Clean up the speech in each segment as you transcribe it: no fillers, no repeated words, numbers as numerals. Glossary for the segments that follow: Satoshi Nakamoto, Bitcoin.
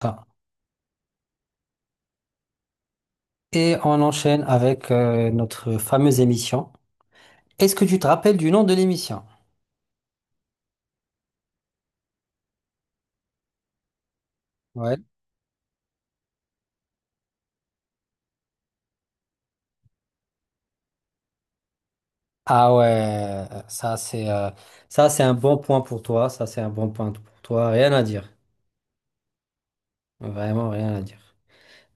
Ah. Et on enchaîne avec notre fameuse émission. Est-ce que tu te rappelles du nom de l'émission? Ouais. Ah ouais, ça c'est un bon point pour toi, ça c'est un bon point pour toi, rien à dire, vraiment rien à dire.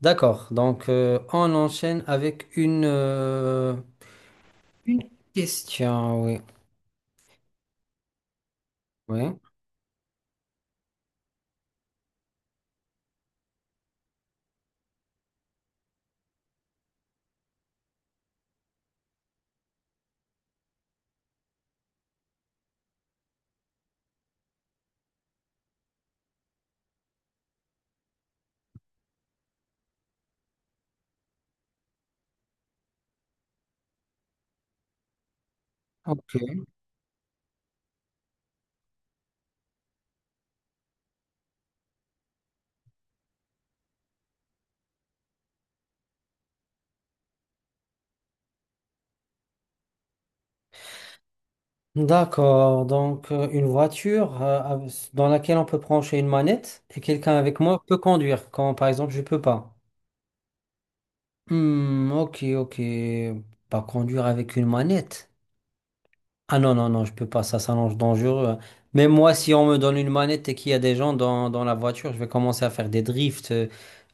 D'accord, on enchaîne avec une question, oui, oui, ok. D'accord, une voiture dans laquelle on peut brancher une manette et quelqu'un avec moi peut conduire quand par exemple je peux pas. Hmm, ok, ok. Pas conduire avec une manette. Ah non, non, non, je peux pas, ça s'annonce dangereux. Mais moi, si on me donne une manette et qu'il y a des gens dans la voiture, je vais commencer à faire des drifts, euh,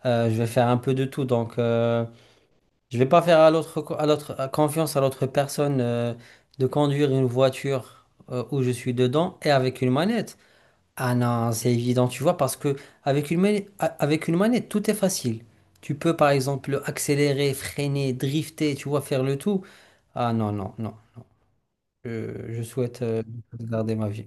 euh, je vais faire un peu de tout. Donc, je vais pas faire à à l'autre, à confiance à l'autre personne, de conduire une voiture, où je suis dedans et avec une manette. Ah non, c'est évident, tu vois, parce que avec une manette, tout est facile. Tu peux par exemple accélérer, freiner, drifter, tu vois, faire le tout. Ah non, non, non, non. Je souhaite garder ma vie.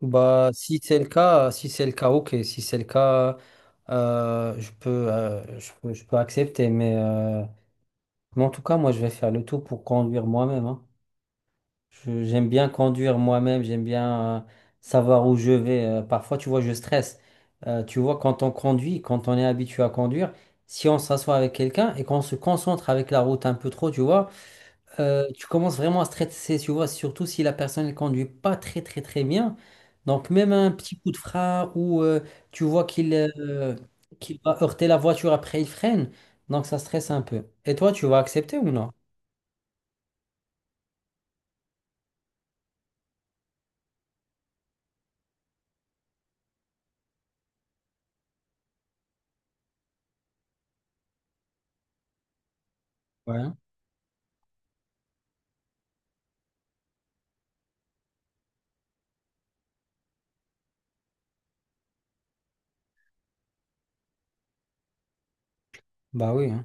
Bah, si c'est le cas, si c'est le cas, ok. Si c'est le cas, je peux, je peux accepter. Mais en tout cas, moi, je vais faire le tout pour conduire moi-même, hein. J'aime bien conduire moi-même, j'aime bien savoir où je vais. Parfois, tu vois, je stresse. Tu vois, quand on conduit, quand on est habitué à conduire, si on s'assoit avec quelqu'un et qu'on se concentre avec la route un peu trop, tu vois, tu commences vraiment à stresser, tu vois, surtout si la personne ne conduit pas très, très, très bien. Donc, même un petit coup de frein ou tu vois qu'il va heurter la voiture après, il freine. Donc, ça stresse un peu. Et toi, tu vas accepter ou non? Ouais. Bah oui, hein.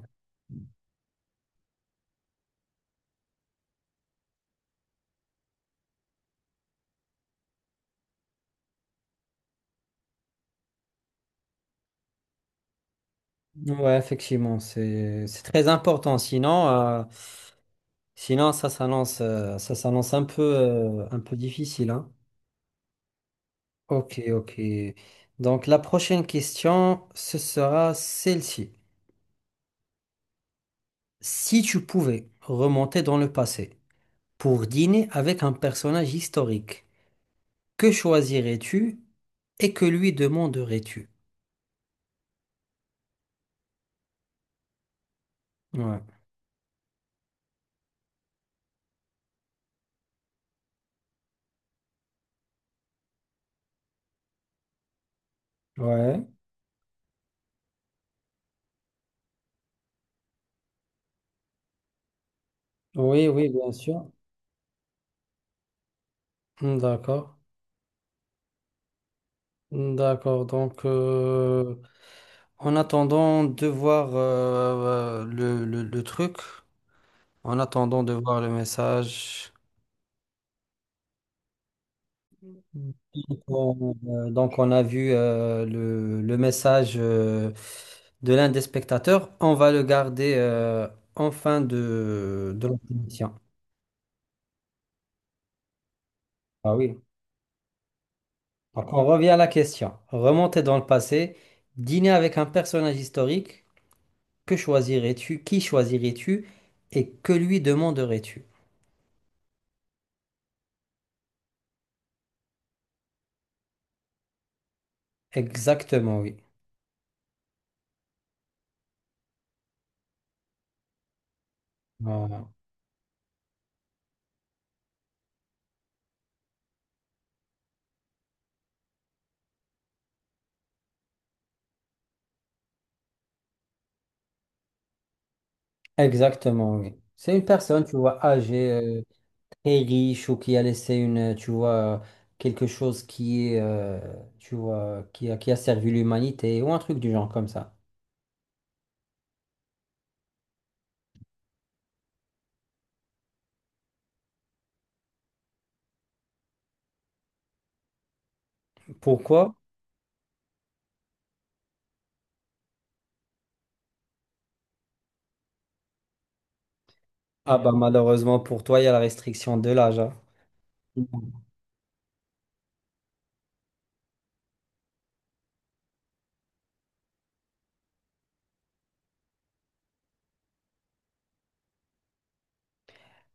Ouais, effectivement, c'est très important. Sinon, sinon ça s'annonce un peu un peu difficile, hein. Ok, ok. Donc la prochaine question, ce sera celle-ci. Si tu pouvais remonter dans le passé pour dîner avec un personnage historique, que choisirais-tu et que lui demanderais-tu? Ouais. Ouais. Oui, oui, bien sûr. Hmm, d'accord. D'accord, en attendant de voir le truc, en attendant de voir le message, donc on, donc on a vu le message de l'un des spectateurs, on va le garder en fin de l'entretien. Ah oui, donc on revient à la question. Remonter dans le passé, dîner avec un personnage historique. Que choisirais-tu? Qui choisirais-tu? Et que lui demanderais-tu? Exactement, oui. Voilà. Exactement, oui. C'est une personne, tu vois, âgée, très riche ou qui a laissé tu vois, quelque chose qui est, tu vois, qui a servi l'humanité ou un truc du genre comme ça. Pourquoi? Ah bah malheureusement pour toi, il y a la restriction de l'âge, hein.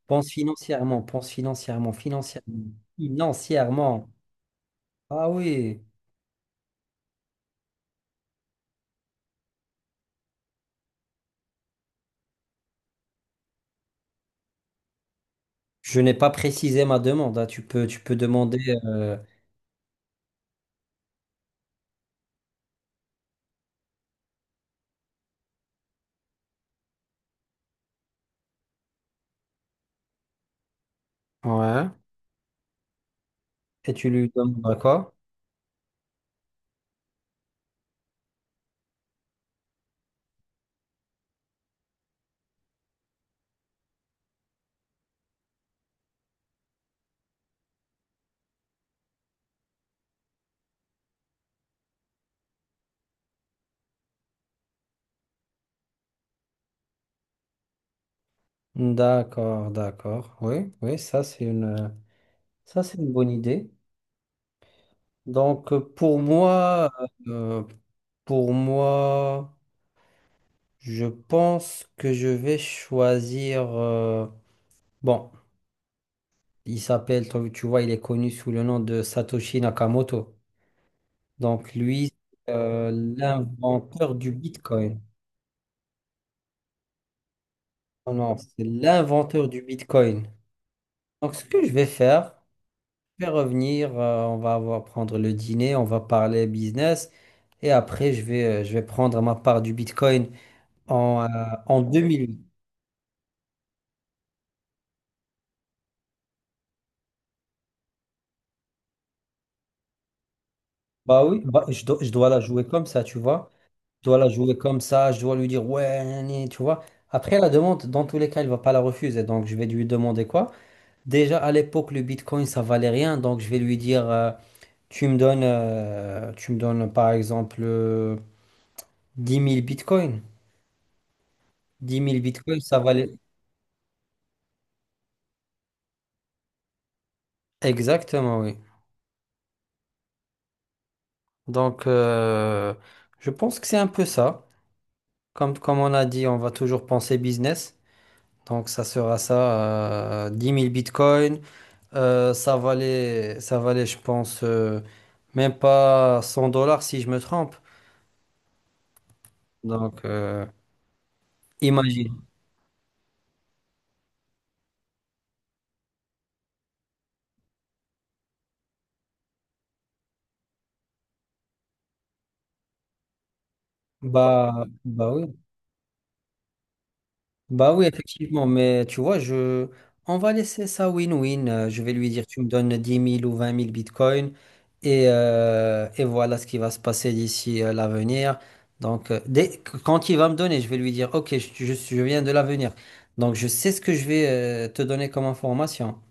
Pense financièrement, financièrement, financièrement. Ah oui. Je n'ai pas précisé ma demande, hein. Tu peux demander euh, Ouais. Et tu lui demandes quoi? D'accord, d'accord. Oui, oui, ça c'est une bonne idée. Pour moi, euh, pour moi, je pense que je vais choisir, bon, il s'appelle, tu vois, il est connu sous le nom de Satoshi Nakamoto. Donc lui, euh, l'inventeur du Bitcoin. Oh non, c'est l'inventeur du Bitcoin. Donc, ce que je vais faire, je vais revenir, on va avoir, prendre le dîner, on va parler business, et après, je vais prendre ma part du Bitcoin en, en 2008. Bah oui, bah, dois je dois la jouer comme ça, tu vois. Je dois la jouer comme ça, je dois lui dire, ouais, nani, tu vois. Après, la demande, dans tous les cas, il va pas la refuser, donc je vais lui demander quoi? Déjà, à l'époque, le Bitcoin, ça valait rien, donc je vais lui dire, tu me donnes, par exemple, 10 000 Bitcoins. 10 000 bitcoins, ça valait, exactement, oui. Donc, je pense que c'est un peu ça. Comme, comme on a dit, on va toujours penser business. Donc, ça sera ça, 10 000 bitcoins. Ça valait, ça valait, je pense, même pas 100 dollars si je me trompe. Donc, imagine. Bah, bah oui. Bah oui, effectivement, mais tu vois, je... on va laisser ça win-win. Je vais lui dire, tu me donnes dix mille ou vingt mille bitcoins et voilà ce qui va se passer d'ici l'avenir. Donc, dès... quand il va me donner, je vais lui dire, OK, je viens de l'avenir. Donc, je sais ce que je vais te donner comme information.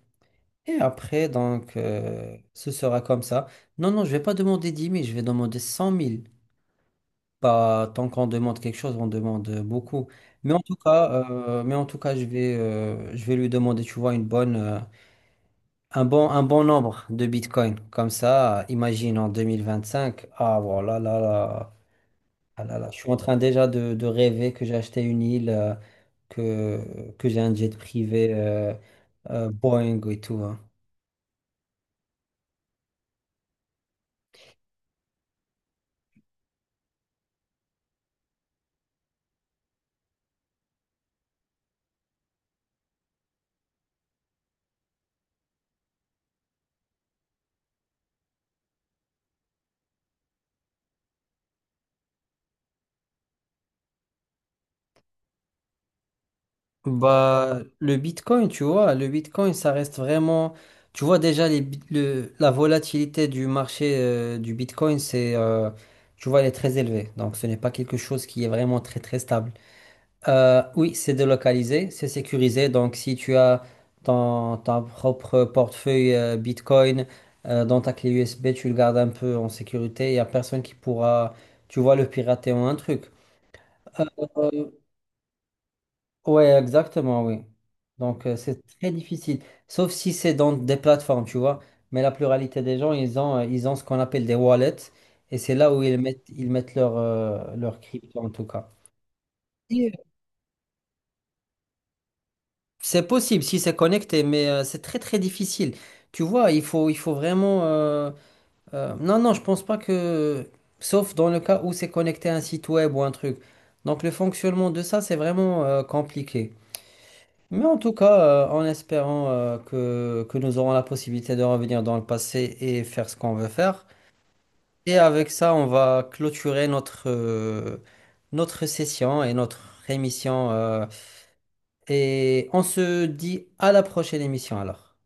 Et après, donc, ce sera comme ça. Non, non, je vais pas demander 10 000, je vais demander 100 000. Bah, tant qu'on demande quelque chose, on demande beaucoup. Mais en tout cas, mais en tout cas, je vais lui demander, tu vois, une bonne, un bon nombre de bitcoins. Comme ça, imagine en 2025, ah voilà, là, là, ah là, là, je suis en train déjà de rêver que j'ai acheté une île, que j'ai un jet privé, Boeing et tout, hein. Bah, le Bitcoin, tu vois, le Bitcoin, ça reste vraiment. Tu vois déjà les la volatilité du marché du Bitcoin, c'est, tu vois, elle est très élevée. Donc, ce n'est pas quelque chose qui est vraiment très très stable. Oui, c'est délocalisé, c'est sécurisé. Donc, si tu as ton propre portefeuille Bitcoin dans ta clé USB, tu le gardes un peu en sécurité. Il n'y a personne qui pourra, tu vois, le pirater ou un truc. Ouais, exactement, oui. Donc, c'est très difficile. Sauf si c'est dans des plateformes, tu vois. Mais la pluralité des gens, ils ont ce qu'on appelle des wallets. Et c'est là où ils mettent leur, leur crypto, en tout cas. Et C'est possible si c'est connecté, mais c'est très, très difficile. Tu vois, il faut vraiment... non, non, je pense pas que... Sauf dans le cas où c'est connecté à un site web ou un truc. Donc, le fonctionnement de ça, c'est vraiment compliqué. Mais en tout cas, en espérant que nous aurons la possibilité de revenir dans le passé et faire ce qu'on veut faire. Et avec ça, on va clôturer notre, notre session et notre émission, et on se dit à la prochaine émission alors.